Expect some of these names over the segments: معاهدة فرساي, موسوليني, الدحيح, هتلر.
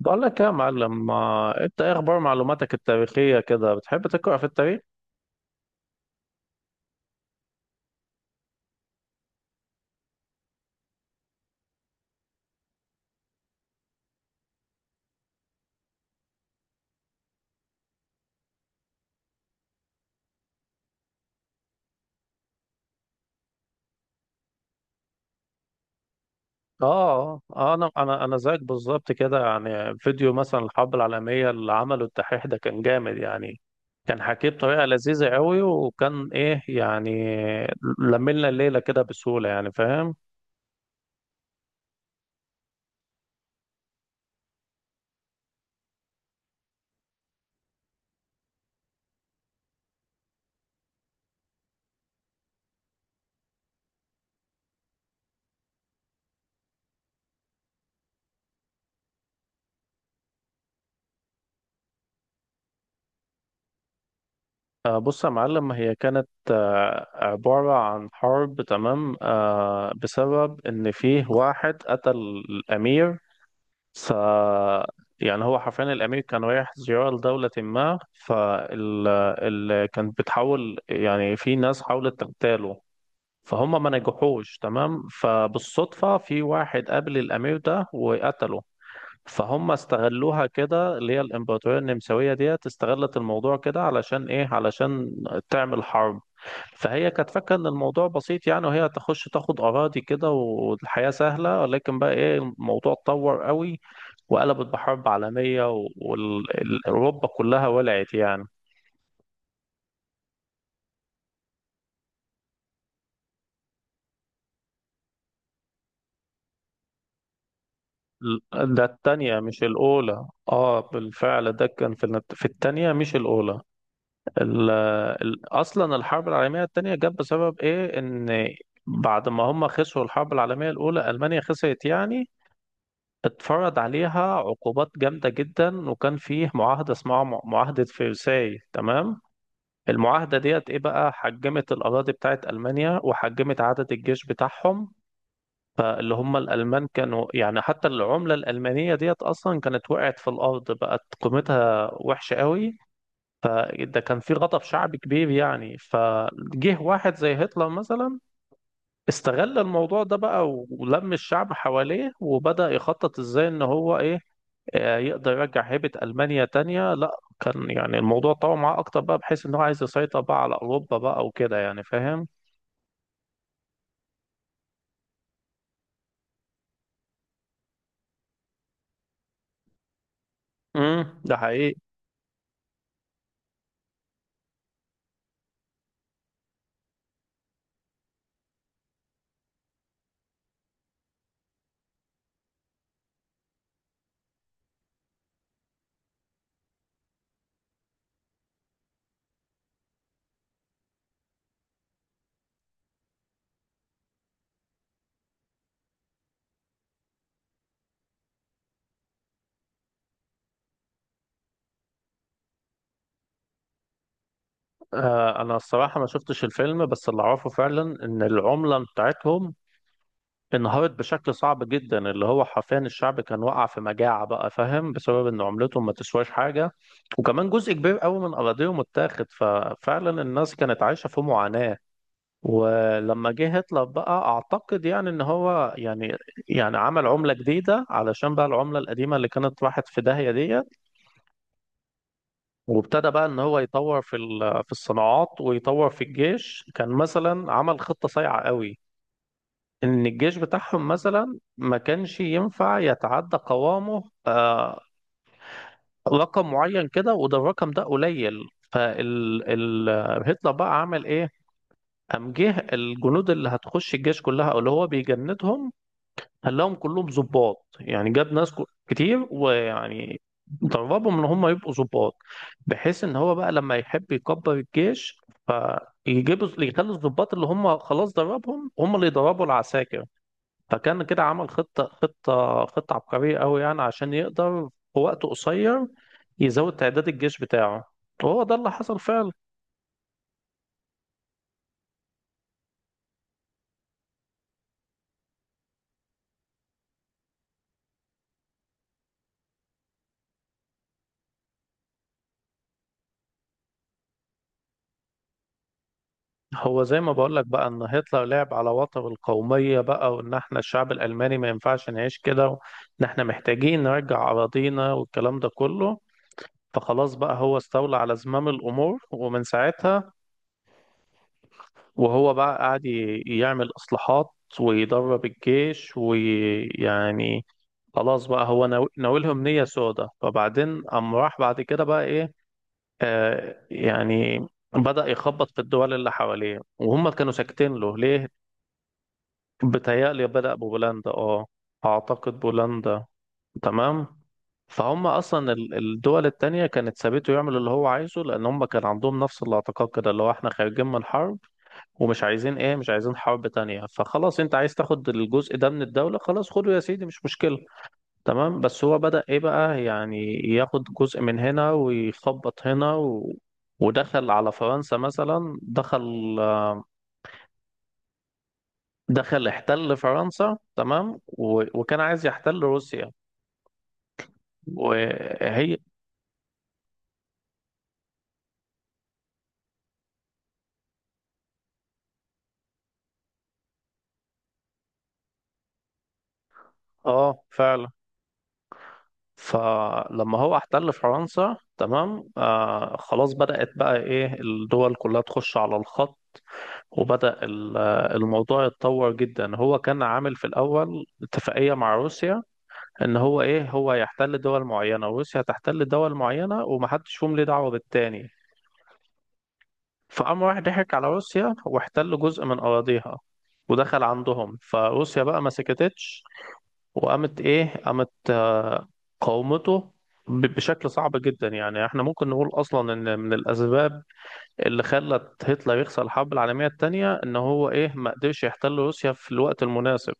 بقول لك يا معلم، ما انت ايه اخبار معلوماتك التاريخيه كده؟ بتحب تقرا في التاريخ؟ اه، انا زيك بالظبط كده. يعني فيديو مثلا الحرب العالميه اللي عمله الدحيح ده كان جامد يعني. كان حكيه بطريقه لذيذه قوي وكان ايه يعني، لملنا الليله كده بسهوله، يعني فاهم. بص يا معلم، هي كانت عبارة عن حرب، تمام، بسبب إن فيه واحد قتل الأمير. ف يعني هو حرفيا الأمير كان رايح زيارة لدولة ما. فال كان بتحاول، يعني في ناس حاولت تغتاله، فهم ما نجحوش، تمام، فبالصدفة في واحد قابل الأمير ده وقتله. فهم استغلوها كده، اللي هي الإمبراطورية النمساوية ديت استغلت الموضوع كده علشان إيه، علشان تعمل حرب. فهي كانت فاكره ان الموضوع بسيط يعني، وهي تخش تاخد اراضي كده والحياه سهله، ولكن بقى ايه، الموضوع اتطور قوي وقلبت بحرب عالميه، واوروبا كلها ولعت يعني. ده التانية مش الأولى، اه بالفعل ده كان في في التانية مش الأولى. ال- أصلا الحرب العالمية التانية جت بسبب إيه، إن بعد ما هم خسروا الحرب العالمية الأولى ألمانيا خسرت يعني، اتفرض عليها عقوبات جامدة جدا، وكان فيه معاهدة اسمها معاهدة فرساي، تمام. المعاهدة ديت ايه بقى، حجمت الأراضي بتاعت ألمانيا وحجمت عدد الجيش بتاعهم. فاللي هم الألمان كانوا يعني، حتى العملة الألمانية ديت أصلا كانت وقعت في الأرض، بقت قيمتها وحشة قوي. فده كان في غضب شعبي كبير يعني، فجه واحد زي هتلر مثلا استغل الموضوع ده بقى، ولم الشعب حواليه، وبدأ يخطط ازاي ان هو ايه، يقدر يرجع هيبة ألمانيا تانية. لا، كان يعني الموضوع طول معاه أكتر بقى، بحيث إن هو عايز يسيطر بقى على أوروبا بقى وكده، يعني فاهم؟ ده حقيقي. آه، أنا الصراحة ما شفتش الفيلم، بس اللي أعرفه فعلا إن العملة بتاعتهم انهارت بشكل صعب جدا، اللي هو حرفيا الشعب كان وقع في مجاعة بقى، فاهم، بسبب إن عملتهم ما تسواش حاجة. وكمان جزء كبير قوي من أراضيهم اتاخد، ففعلا الناس كانت عايشة في معاناة. ولما جه هتلر بقى اعتقد يعني ان هو يعني، يعني عمل عملة جديدة علشان بقى العملة القديمة اللي كانت راحت في داهية ديت. وابتدى بقى ان هو يطور في في الصناعات، ويطور في الجيش. كان مثلا عمل خطة صايعة قوي، ان الجيش بتاعهم مثلا ما كانش ينفع يتعدى قوامه رقم معين كده، وده الرقم ده قليل. فال ال... هتلر بقى عمل ايه؟ قام جه الجنود اللي هتخش الجيش كلها، او اللي هو بيجندهم، خلاهم كلهم ظباط، يعني جاب ناس كتير، ويعني دربهم ان هم يبقوا ظباط، بحيث ان هو بقى لما يحب يكبر الجيش فيجيبوا، يخلي الظباط اللي هم خلاص دربهم، هم اللي يدربوا العساكر. فكان كده عمل خطة عبقرية قوي يعني، عشان يقدر في وقت قصير يزود تعداد الجيش بتاعه، وهو ده اللي حصل فعلا. هو زي ما بقول لك بقى ان هتلر لعب على وتر القومية بقى، وان احنا الشعب الالماني ما ينفعش نعيش كده، وان احنا محتاجين نرجع اراضينا والكلام ده كله. فخلاص بقى هو استولى على زمام الامور، ومن ساعتها وهو بقى قاعد يعمل اصلاحات ويدرب الجيش ويعني، خلاص بقى هو ناويلهم نية سودة. فبعدين قام راح بعد كده بقى ايه، يعني بدأ يخبط في الدول اللي حواليه، وهم كانوا ساكتين له ليه؟ بتهيألي بدأ ببولندا، اه أعتقد بولندا، تمام. فهم أصلا الدول التانية كانت سابته يعمل اللي هو عايزه، لأن هم كان عندهم نفس الاعتقاد كده، اللي هو احنا خارجين من حرب ومش عايزين ايه، مش عايزين حرب تانية. فخلاص انت عايز تاخد الجزء ده من الدولة، خلاص خده يا سيدي، مش مشكلة، تمام. بس هو بدأ ايه بقى، يعني ياخد جزء من هنا ويخبط هنا ودخل على فرنسا مثلا. دخل احتل فرنسا، تمام، وكان عايز يحتل روسيا وهي. اه فعلا. فلما هو احتل فرنسا تمام، خلاص بدأت بقى ايه الدول كلها تخش على الخط. وبدأ الموضوع يتطور جدا. هو كان عامل في الأول اتفاقية مع روسيا، ان هو ايه، هو يحتل دول معينة وروسيا تحتل دول معينة، ومحدش فيهم ليه دعوة بالتاني. فقام راح ضحك على روسيا، واحتل جزء من أراضيها ودخل عندهم، فروسيا بقى ما سكتتش، وقامت إيه، قامت قاومته بشكل صعب جدا. يعني احنا ممكن نقول اصلا ان من الاسباب اللي خلت هتلر يخسر الحرب العالميه الثانيه ان هو ايه، ما قدرش يحتل روسيا في الوقت المناسب.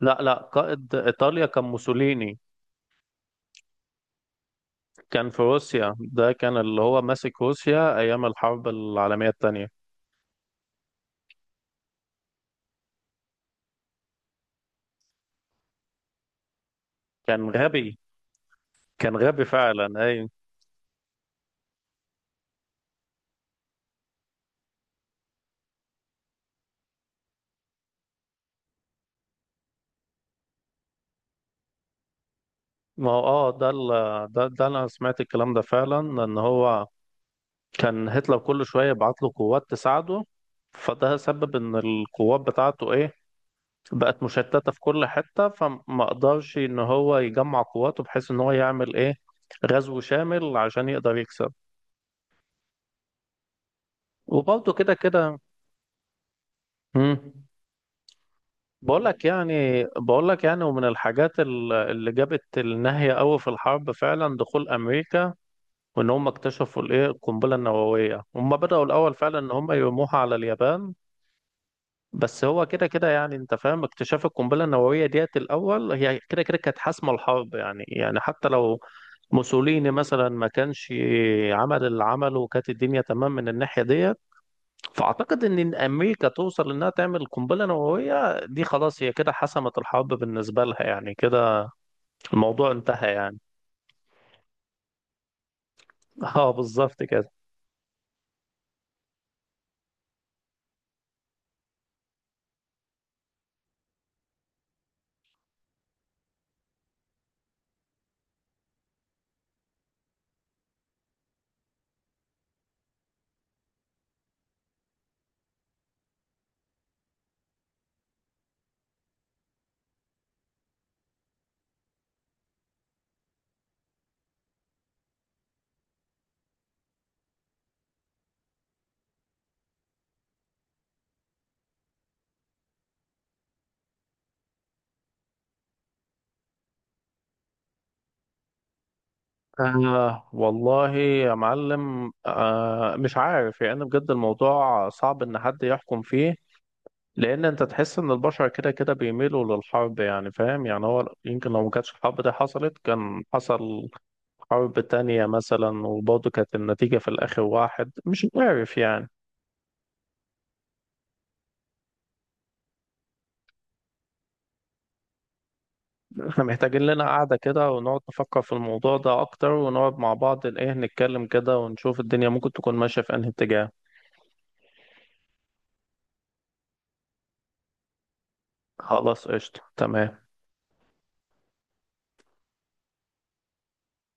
لا لا، قائد ايطاليا كان موسوليني. كان في روسيا، ده كان اللي هو ماسك روسيا ايام الحرب العالميه الثانيه. كان غبي. كان غبي فعلا، اي. ما هو ده ده، انا سمعت الكلام ده فعلا، ان هو كان هتلر كل شويه يبعت له قوات تساعده، فده سبب ان القوات بتاعته ايه، بقت مشتته في كل حته، فما قدرش ان هو يجمع قواته، بحيث ان هو يعمل ايه غزو شامل عشان يقدر يكسب. وبرضه كده كده. مم. بقول لك يعني ومن الحاجات اللي جابت النهية قوي في الحرب فعلا دخول امريكا، وان هم اكتشفوا الايه القنبله النوويه، هم بداوا الاول فعلا ان هم يرموها على اليابان. بس هو كده كده يعني، انت فاهم، اكتشاف القنبله النوويه ديت الاول هي كده كده كانت حاسمه الحرب يعني حتى لو موسوليني مثلا ما كانش عمل اللي عمله وكانت الدنيا تمام من الناحيه ديت، فاعتقد إن امريكا توصل انها تعمل قنبله نوويه دي، خلاص هي كده حسمت الحرب بالنسبه لها، يعني كده الموضوع انتهى يعني. اه بالظبط كده. والله يا معلم، مش عارف يعني، بجد الموضوع صعب إن حد يحكم فيه، لأن أنت تحس إن البشر كده كده بيميلوا للحرب، يعني فاهم، يعني هو يمكن لو ما كانتش الحرب دي حصلت كان حصل حرب تانية مثلا، وبرضه كانت النتيجة في الآخر واحد، مش عارف يعني. إحنا محتاجين لنا قعدة كده ونقعد نفكر في الموضوع ده أكتر، ونقعد مع بعض إيه، نتكلم كده ونشوف الدنيا ممكن تكون ماشية في أنهي اتجاه. خلاص قشطة تمام.